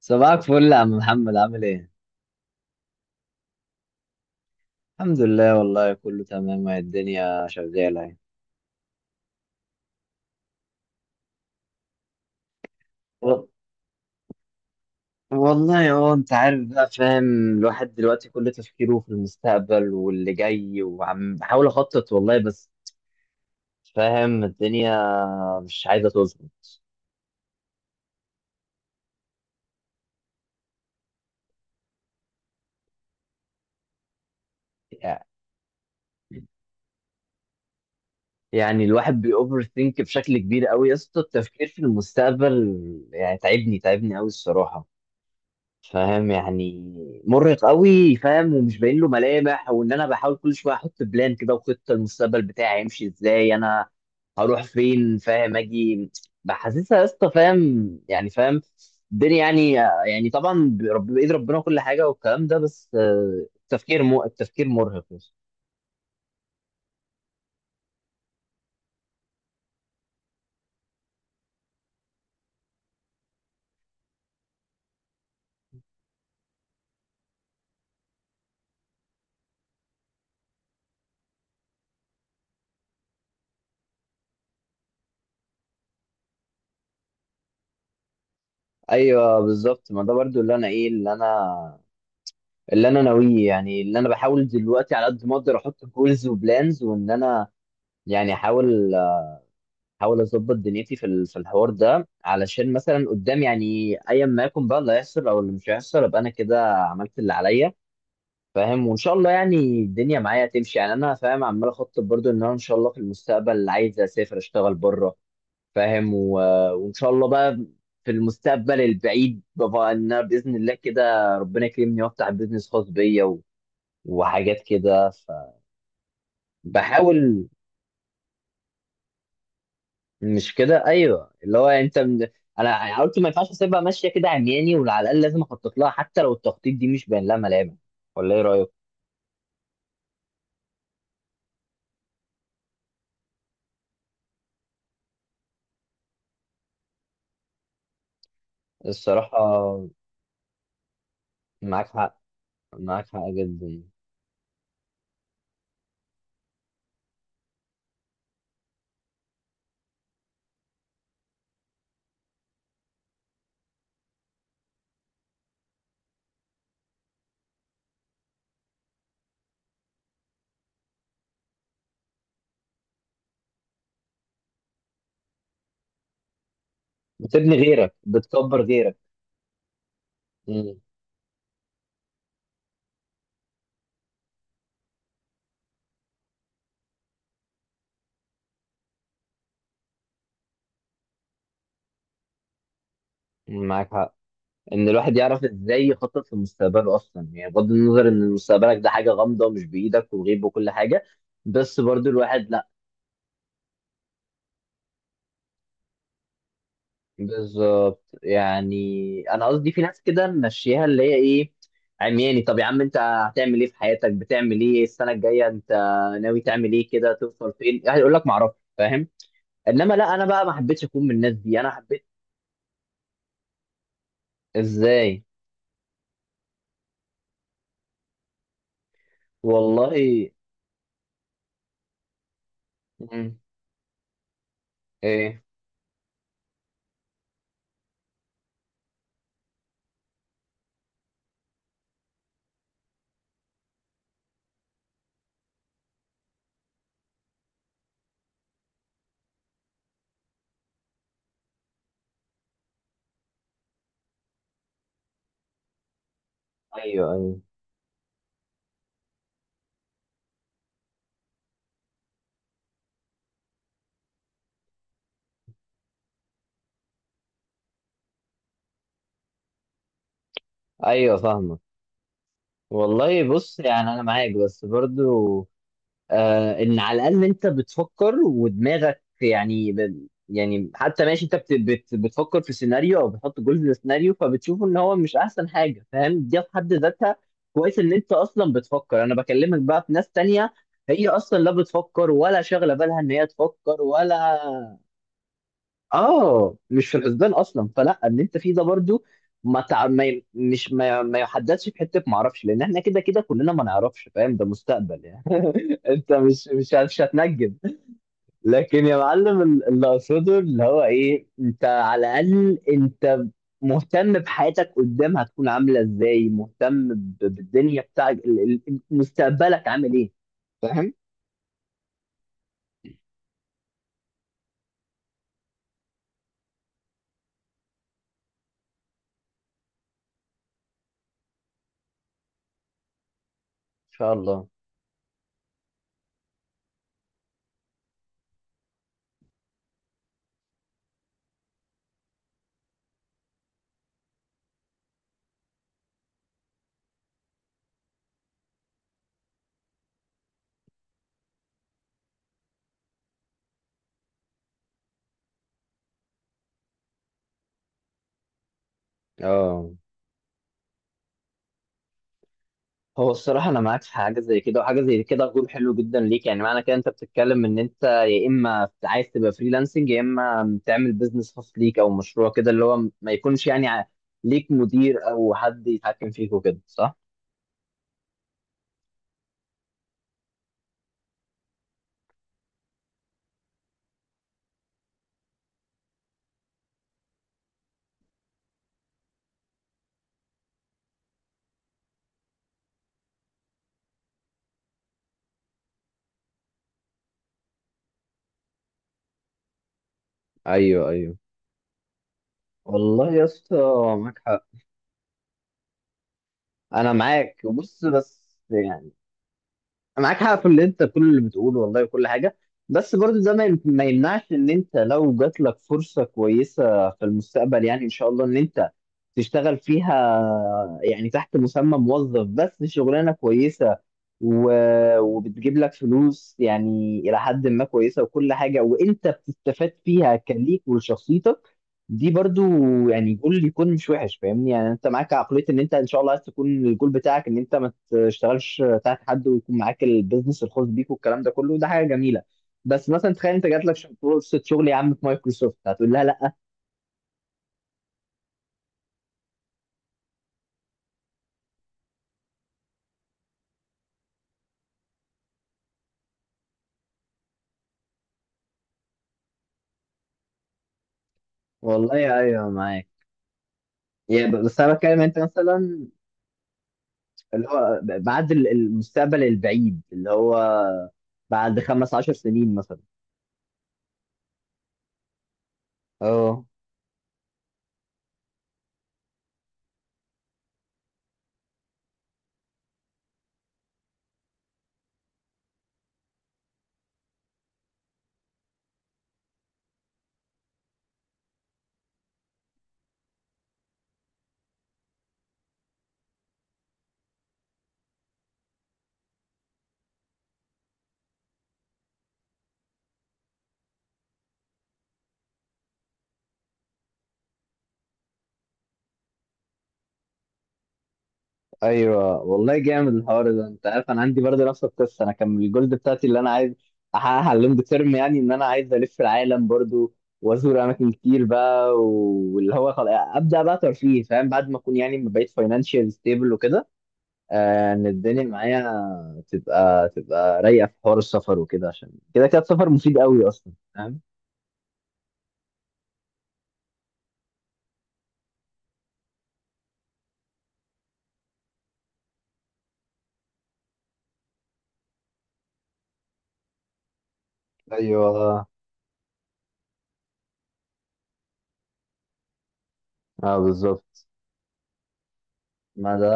صباحك فل يا عم محمد، عامل ايه؟ الحمد لله والله كله تمام، وهي الدنيا شغالة يعني. و- والله اه، انت عارف بقى، فاهم. الواحد دلوقتي كل تفكيره في المستقبل واللي جاي، وعم بحاول اخطط والله، بس فاهم الدنيا مش عايزة تظبط. يعني يعني الواحد بيأوفر ثينك بشكل كبير قوي يا اسطى، التفكير في المستقبل يعني تعبني قوي الصراحة، فاهم يعني. مرهق قوي فاهم، ومش باين له ملامح، وان انا بحاول كل شويه احط بلان كده، وخطه المستقبل بتاعي هيمشي ازاي، انا هروح فين، فاهم اجي بحسسها يا اسطى، فاهم يعني، فاهم الدنيا يعني. يعني طبعا بايد ربنا كل حاجه والكلام ده، بس آه، التفكير مرهق يا اسطى. ايوه بالظبط، ما ده برضو اللي انا اللي انا ناويه، يعني اللي انا بحاول دلوقتي على قد ما اقدر، احط جولز وبلانز وان انا يعني احاول اظبط دنيتي في الحوار ده، علشان مثلا قدام يعني ايا ما يكون بقى اللي هيحصل او اللي مش هيحصل، ابقى انا كده عملت اللي عليا، فاهم. وان شاء الله يعني الدنيا معايا تمشي، يعني انا فاهم عمال اخطط، برضو ان انا ان شاء الله في المستقبل عايز اسافر اشتغل بره فاهم و... وان شاء الله بقى في المستقبل البعيد، بقى ان انا باذن الله كده ربنا يكرمني وافتح بيزنس خاص بيا و... وحاجات كده. فبحاول مش كده، ايوه اللي هو انا قلت ما ينفعش اسيبها ماشيه كده عمياني، وعلى الاقل لازم اخطط لها، حتى لو التخطيط دي مش باين لها ملامح، ولا ايه رايك؟ الصراحه معاك حق، معاك حق جدا، بتبني غيرك بتكبر غيرك. مم. معاك حق ان الواحد يعرف ازاي يخطط في مستقبله اصلا، يعني بغض النظر ان مستقبلك ده حاجه غامضه ومش بايدك وغيب وكل حاجه، بس برضو الواحد بالظبط يعني. انا قصدي في ناس كده ماشيها، اللي هي ايه عمياني، طب يا عم انت هتعمل ايه في حياتك؟ بتعمل ايه السنه الجايه؟ انت ناوي تعمل ايه كده؟ توصل فين؟ هيقول لك ما اعرفش، فاهم. انما لا، انا بقى ما حبيتش اكون من الناس دي، انا حبيت ازاي والله. مم. ايه. ايوه ايوه ايوه فاهمك. والله بص يعني انا معاك، بس برضو آه، ان على الاقل انت بتفكر ودماغك يعني ب... يعني حتى ماشي، انت بتفكر في سيناريو او بتحط جزء للسيناريو، فبتشوف ان هو مش احسن حاجه، فاهم، دي في حد ذاتها. كويس ان انت اصلا بتفكر، انا بكلمك بقى في ناس تانية، هي اصلا لا بتفكر ولا شاغله بالها ان هي تفكر ولا. اه، مش في الحسبان اصلا، فلا ان انت فيه ده برضو ما تع... ما ي... مش ما, ي... ما يحددش في حته ما اعرفش، لان احنا كده كده كلنا ما نعرفش فاهم، ده مستقبل يعني. انت مش هتنجم. لكن يا معلم اللي اقصده اللي هو ايه، انت على الاقل انت مهتم بحياتك قدام هتكون عامله ازاي، مهتم بالدنيا بتاعك مستقبلك عامل ايه، فاهم ان شاء الله اه. هو الصراحة أنا معاك في حاجة زي كده، وحاجة زي كده غول حلو جدا ليك، يعني معنى كده أنت بتتكلم إن أنت يا إما عايز تبقى فريلانسنج، يا إما تعمل بيزنس خاص ليك أو مشروع كده، اللي هو ما يكونش يعني ليك مدير أو حد يتحكم فيك وكده، صح؟ ايوه ايوه والله يا اسطى، معاك حق. أنا معاك بص بس يعني معاك حق في اللي انت كل اللي بتقوله والله وكل حاجه، بس برضه ده ما يمنعش ان انت لو جات لك فرصه كويسه في المستقبل، يعني ان شاء الله ان انت تشتغل فيها، يعني تحت مسمى موظف بس شغلانه كويسه وبتجيب لك فلوس يعني الى حد ما كويسه وكل حاجه، وانت بتستفاد فيها كليك ولشخصيتك، دي برضو يعني جول يكون مش وحش، فاهمني. يعني انت معاك عقليه ان انت ان شاء الله عايز تكون الجول بتاعك ان انت ما تشتغلش تحت حد، ويكون معاك البيزنس الخاص بيك والكلام ده كله، ده حاجه جميله. بس مثلا تخيل انت جات لك فرصه شغل يا عم في مايكروسوفت، هتقول لها لا؟ والله يا ايوه معاك، يا بس انا بتكلم انت مثلا اللي هو بعد المستقبل البعيد، اللي هو بعد خمس عشر سنين مثلا اه. ايوه والله جامد الحوار ده، انت عارف انا عندي برضه نفس القصه، انا كان الجولد بتاعتي اللي انا عايز احققها اللونج تيرم، يعني ان انا عايز الف العالم برضه وازور اماكن كتير بقى، واللي هو ابدا بقى ترفيه فاهم، بعد ما اكون يعني ما بقيت فاينانشال ستيبل وكده، آه، ان الدنيا معايا تبقى رايقه في حوار السفر وكده، عشان كده السفر مفيد قوي اصلا فاهم. ايوه اه بالظبط، ما ده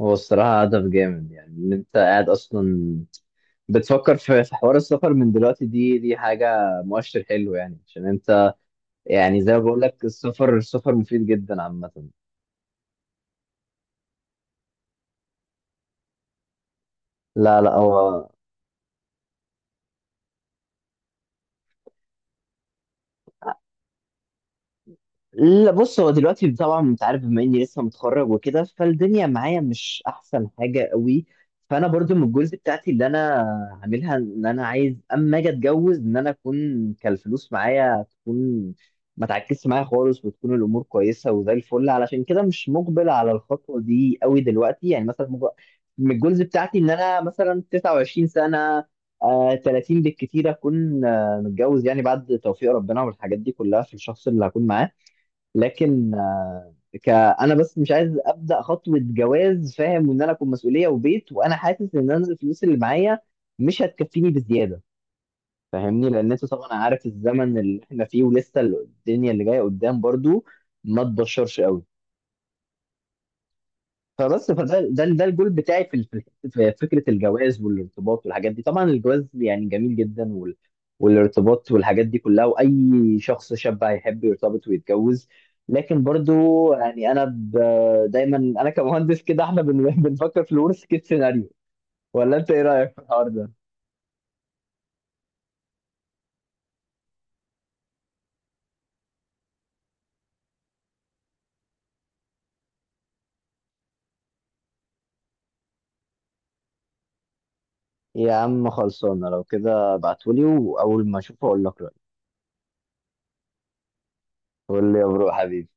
هو الصراحة هدف جامد، يعني إن أنت قاعد أصلا بتفكر في حوار السفر من دلوقتي، دي حاجة مؤشر حلو، يعني عشان أنت يعني زي ما بقول لك السفر مفيد جدا عامة. لا لا، هو لا، بص هو دلوقتي طبعا انت عارف بما اني لسه متخرج وكده، فالدنيا معايا مش احسن حاجه قوي، فانا برضو من الجزء بتاعتي اللي انا عاملها ان انا عايز اما اجي اتجوز ان انا اكون كالفلوس معايا تكون ما تعكسش معايا خالص، وتكون الامور كويسه وزي الفل، علشان كده مش مقبل على الخطوه دي قوي دلوقتي، يعني مثلا من الجزء بتاعتي ان انا مثلا 29 سنه، آه 30 بالكتير اكون آه متجوز، يعني بعد توفيق ربنا والحاجات دي كلها في الشخص اللي هكون معاه. لكن آه، ك انا بس مش عايز ابدا خطوه جواز فاهم، وان انا اكون مسؤوليه وبيت، وانا حاسس ان انا الفلوس اللي معايا مش هتكفيني بزياده فاهمني، لان انت طبعا عارف الزمن اللي احنا فيه، ولسه الدنيا اللي جايه قدام برضو ما تبشرش قوي. فبس فده ده ده الجول بتاعي في فكره الجواز والارتباط والحاجات دي، طبعا الجواز يعني جميل جدا وال والارتباط والحاجات دي كلها، واي شخص شاب هيحب يرتبط ويتجوز، لكن برضو يعني انا ب... دايما انا كمهندس كده احنا بن... بنفكر في الورست كيس سيناريو، ولا انت ايه رايك في الحوار ده؟ يا عم خلصانه لو كده ابعتولي، واول ما اشوفه اقول لك رايي. قول لي يا برو حبيبي.